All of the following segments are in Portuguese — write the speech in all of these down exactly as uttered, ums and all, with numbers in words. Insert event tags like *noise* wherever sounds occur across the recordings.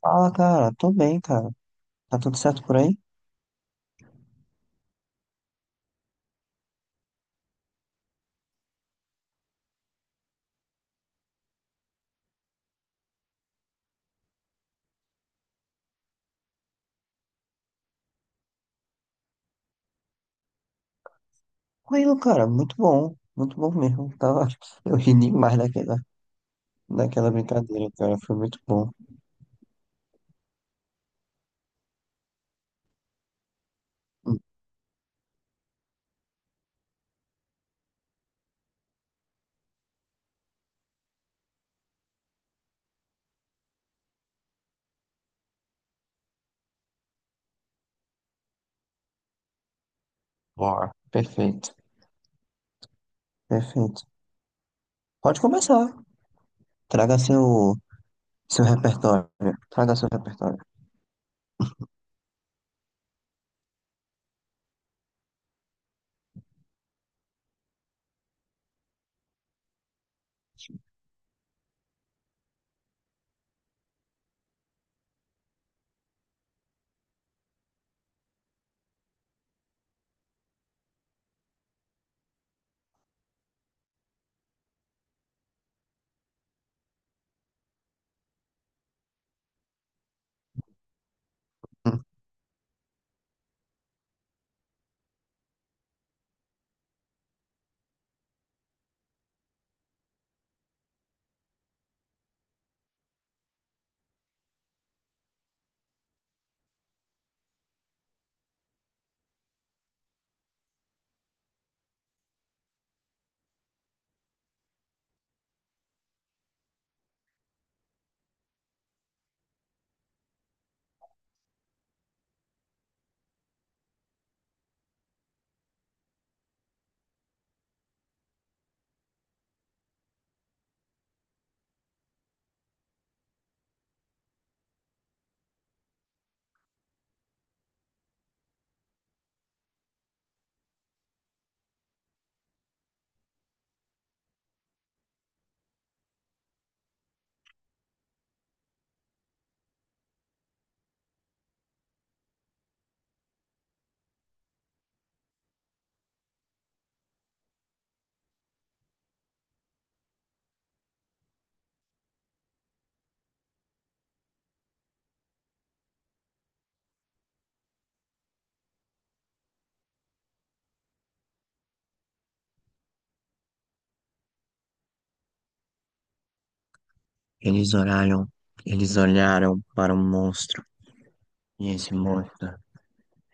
Fala, cara. Tô bem, cara. Tá tudo certo por aí? Tranquilo, cara. Muito bom. Muito bom mesmo. Tava... *laughs* Eu ri demais daquela, daquela brincadeira, cara. Foi muito bom. Hum. Bora. Perfeito. Perfeito. Pode começar. Traga seu, Seu repertório. Traga seu repertório. Hum. Eles olharam, eles olharam para um monstro, e esse monstro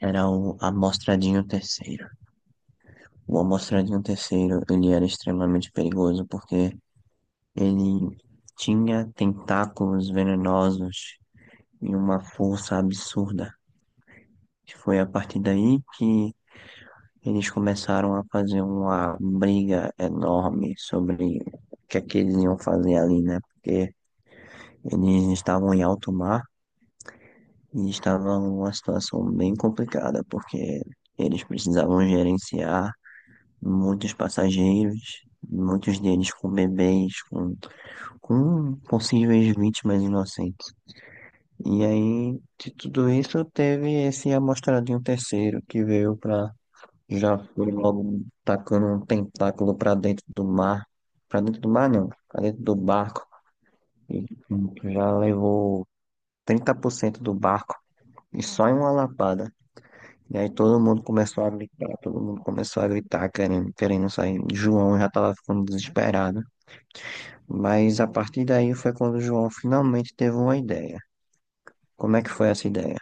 era o Amostradinho Terceiro. O Amostradinho Terceiro, ele era extremamente perigoso porque ele tinha tentáculos venenosos e uma força absurda. E foi a partir daí que eles começaram a fazer uma briga enorme sobre o que é que eles iam fazer ali, né? Porque eles estavam em alto mar e estava uma situação bem complicada, porque eles precisavam gerenciar muitos passageiros, muitos deles com bebês, com, com possíveis vítimas inocentes. E aí, de tudo isso, teve esse amostradinho terceiro que veio para. Já foi logo tacando um tentáculo para dentro do mar. Para dentro do mar, não, para dentro do barco. E já levou trinta por cento do barco. E só em uma lapada. E aí todo mundo começou a gritar, todo mundo começou a gritar, querendo, querendo sair. João já estava ficando desesperado. Mas a partir daí foi quando o João finalmente teve uma ideia. Como é que foi essa ideia?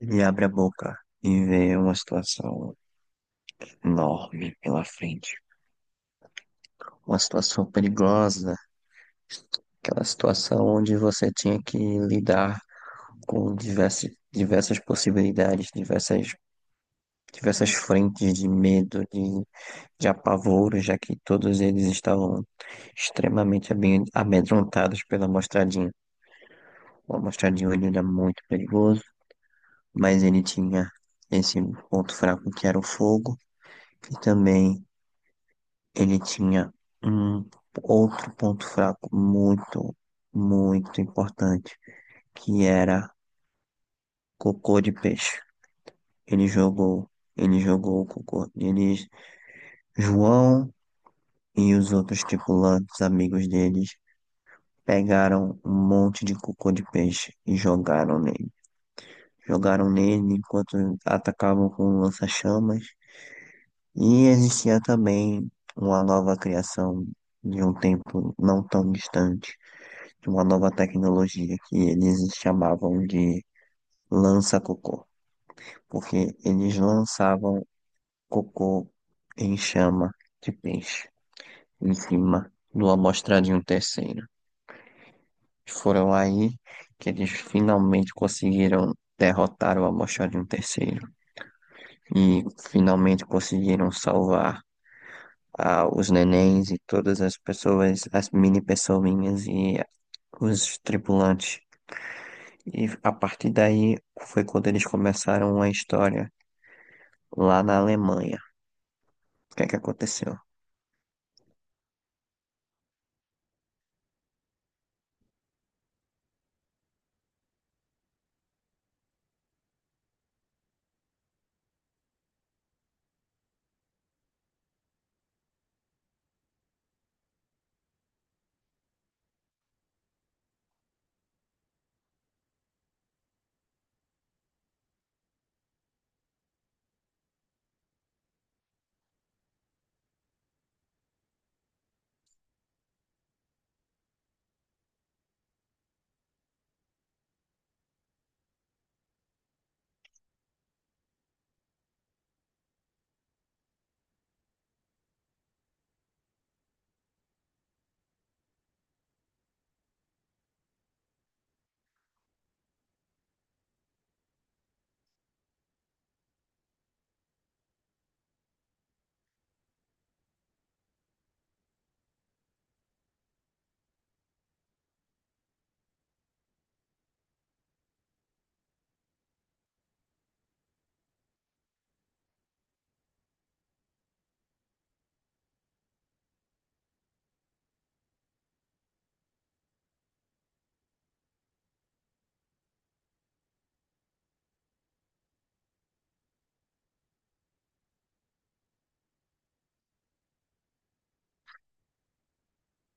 Ele abre a boca e vê uma situação enorme pela frente. Uma situação perigosa, aquela situação onde você tinha que lidar com diversas, diversas possibilidades, diversas, diversas frentes de medo, de de apavoro, já que todos eles estavam extremamente abe- amedrontados pela mostradinha. O mostradinho, ele era muito perigoso, mas ele tinha esse ponto fraco que era o fogo, e também ele tinha um outro ponto fraco muito, muito importante, que era cocô de peixe. Ele jogou, ele jogou o cocô. Eles, João e os outros tripulantes, amigos deles, pegaram um monte de cocô de peixe e jogaram nele. Jogaram nele enquanto atacavam com lança-chamas. E existia também uma nova criação de um tempo não tão distante, de uma nova tecnologia que eles chamavam de lança-cocô, porque eles lançavam cocô em chama de peixe em cima do amostrar de um terceiro. Foram aí que eles finalmente conseguiram derrotar o Amoxarion terceiro e finalmente conseguiram salvar ah, os nenéns e todas as pessoas, as mini pessoinhas e os tripulantes. E a partir daí foi quando eles começaram a história lá na Alemanha. O que é que aconteceu?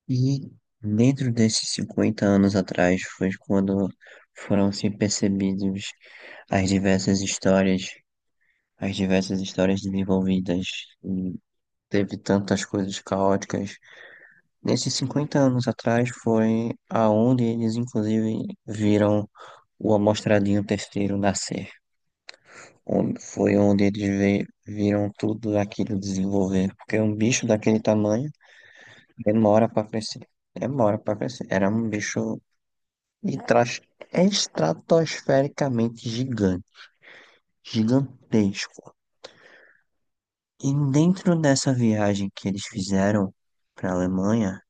E dentro desses cinquenta anos atrás foi quando foram se percebidos as diversas histórias, as diversas histórias desenvolvidas. E teve tantas coisas caóticas. Nesses cinquenta anos atrás foi aonde eles, inclusive, viram o Amostradinho Terceiro nascer. Onde- Foi onde eles ve- viram tudo aquilo desenvolver. Porque um bicho daquele tamanho demora para crescer. Demora para crescer. Era um bicho estra- estratosfericamente gigante. Gigantesco. E dentro dessa viagem que eles fizeram para a Alemanha,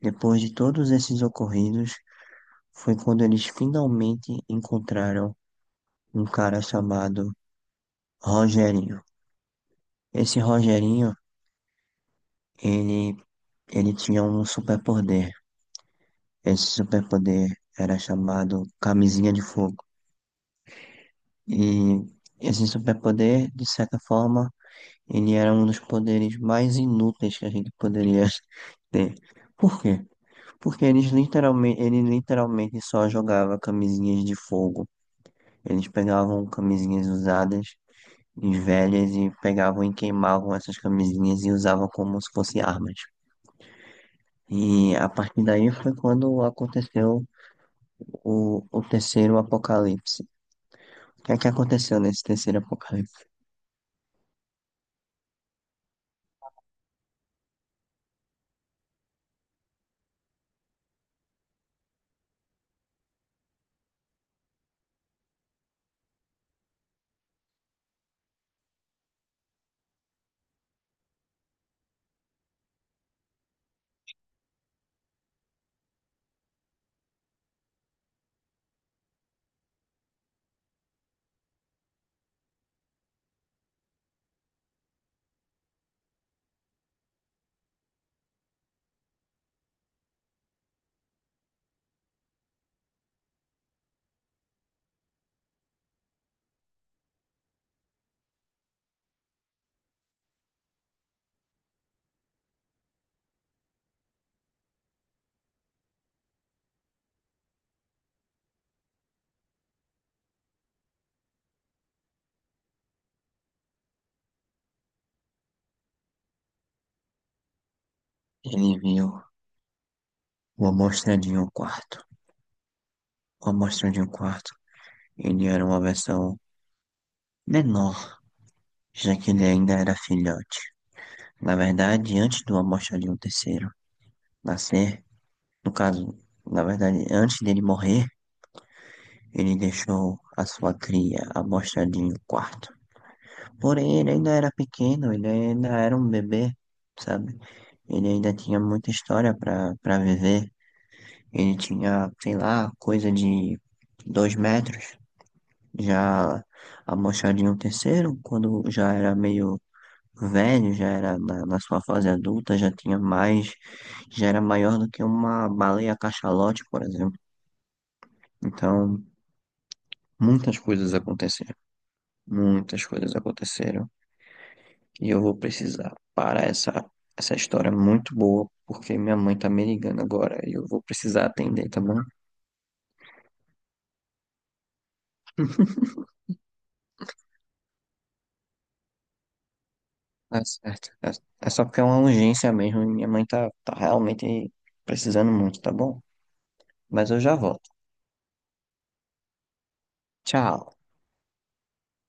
depois de todos esses ocorridos, foi quando eles finalmente encontraram um cara chamado Rogerinho. Esse Rogerinho, ele, ele tinha um superpoder. Esse superpoder era chamado Camisinha de Fogo. E esse superpoder, de certa forma, ele era um dos poderes mais inúteis que a gente poderia *laughs* ter. Por quê? Porque eles literalmente, ele literalmente só jogava camisinhas de fogo. Eles pegavam camisinhas usadas e velhas e pegavam e queimavam essas camisinhas e usavam como se fossem armas. E a partir daí foi quando aconteceu o, o terceiro apocalipse. O que é que aconteceu nesse terceiro apocalipse? Ele viu uma amostra de um quarto. Uma amostra de um quarto. Ele era uma versão menor, já que ele ainda era filhote. Na verdade, antes do Almoxarifado terceiro nascer, no caso, na verdade, antes dele morrer, ele deixou a sua cria, Almoxarifado quarto. Porém, ele ainda era pequeno, ele ainda era um bebê, sabe? Ele ainda tinha muita história para para viver. Ele tinha, sei lá, coisa de dois metros. Já Almoxarifado terceiro quando já era meio velho, já era na, na sua fase adulta, já tinha mais, já era maior do que uma baleia cachalote, por exemplo. Então, muitas coisas aconteceram, muitas coisas aconteceram, e eu vou precisar parar essa, essa história muito boa, porque minha mãe tá me ligando agora, e eu vou precisar atender, tá bom? Tá certo. É, é só porque é uma urgência mesmo, e minha mãe tá, tá realmente precisando muito, tá bom? Mas eu já volto. Tchau.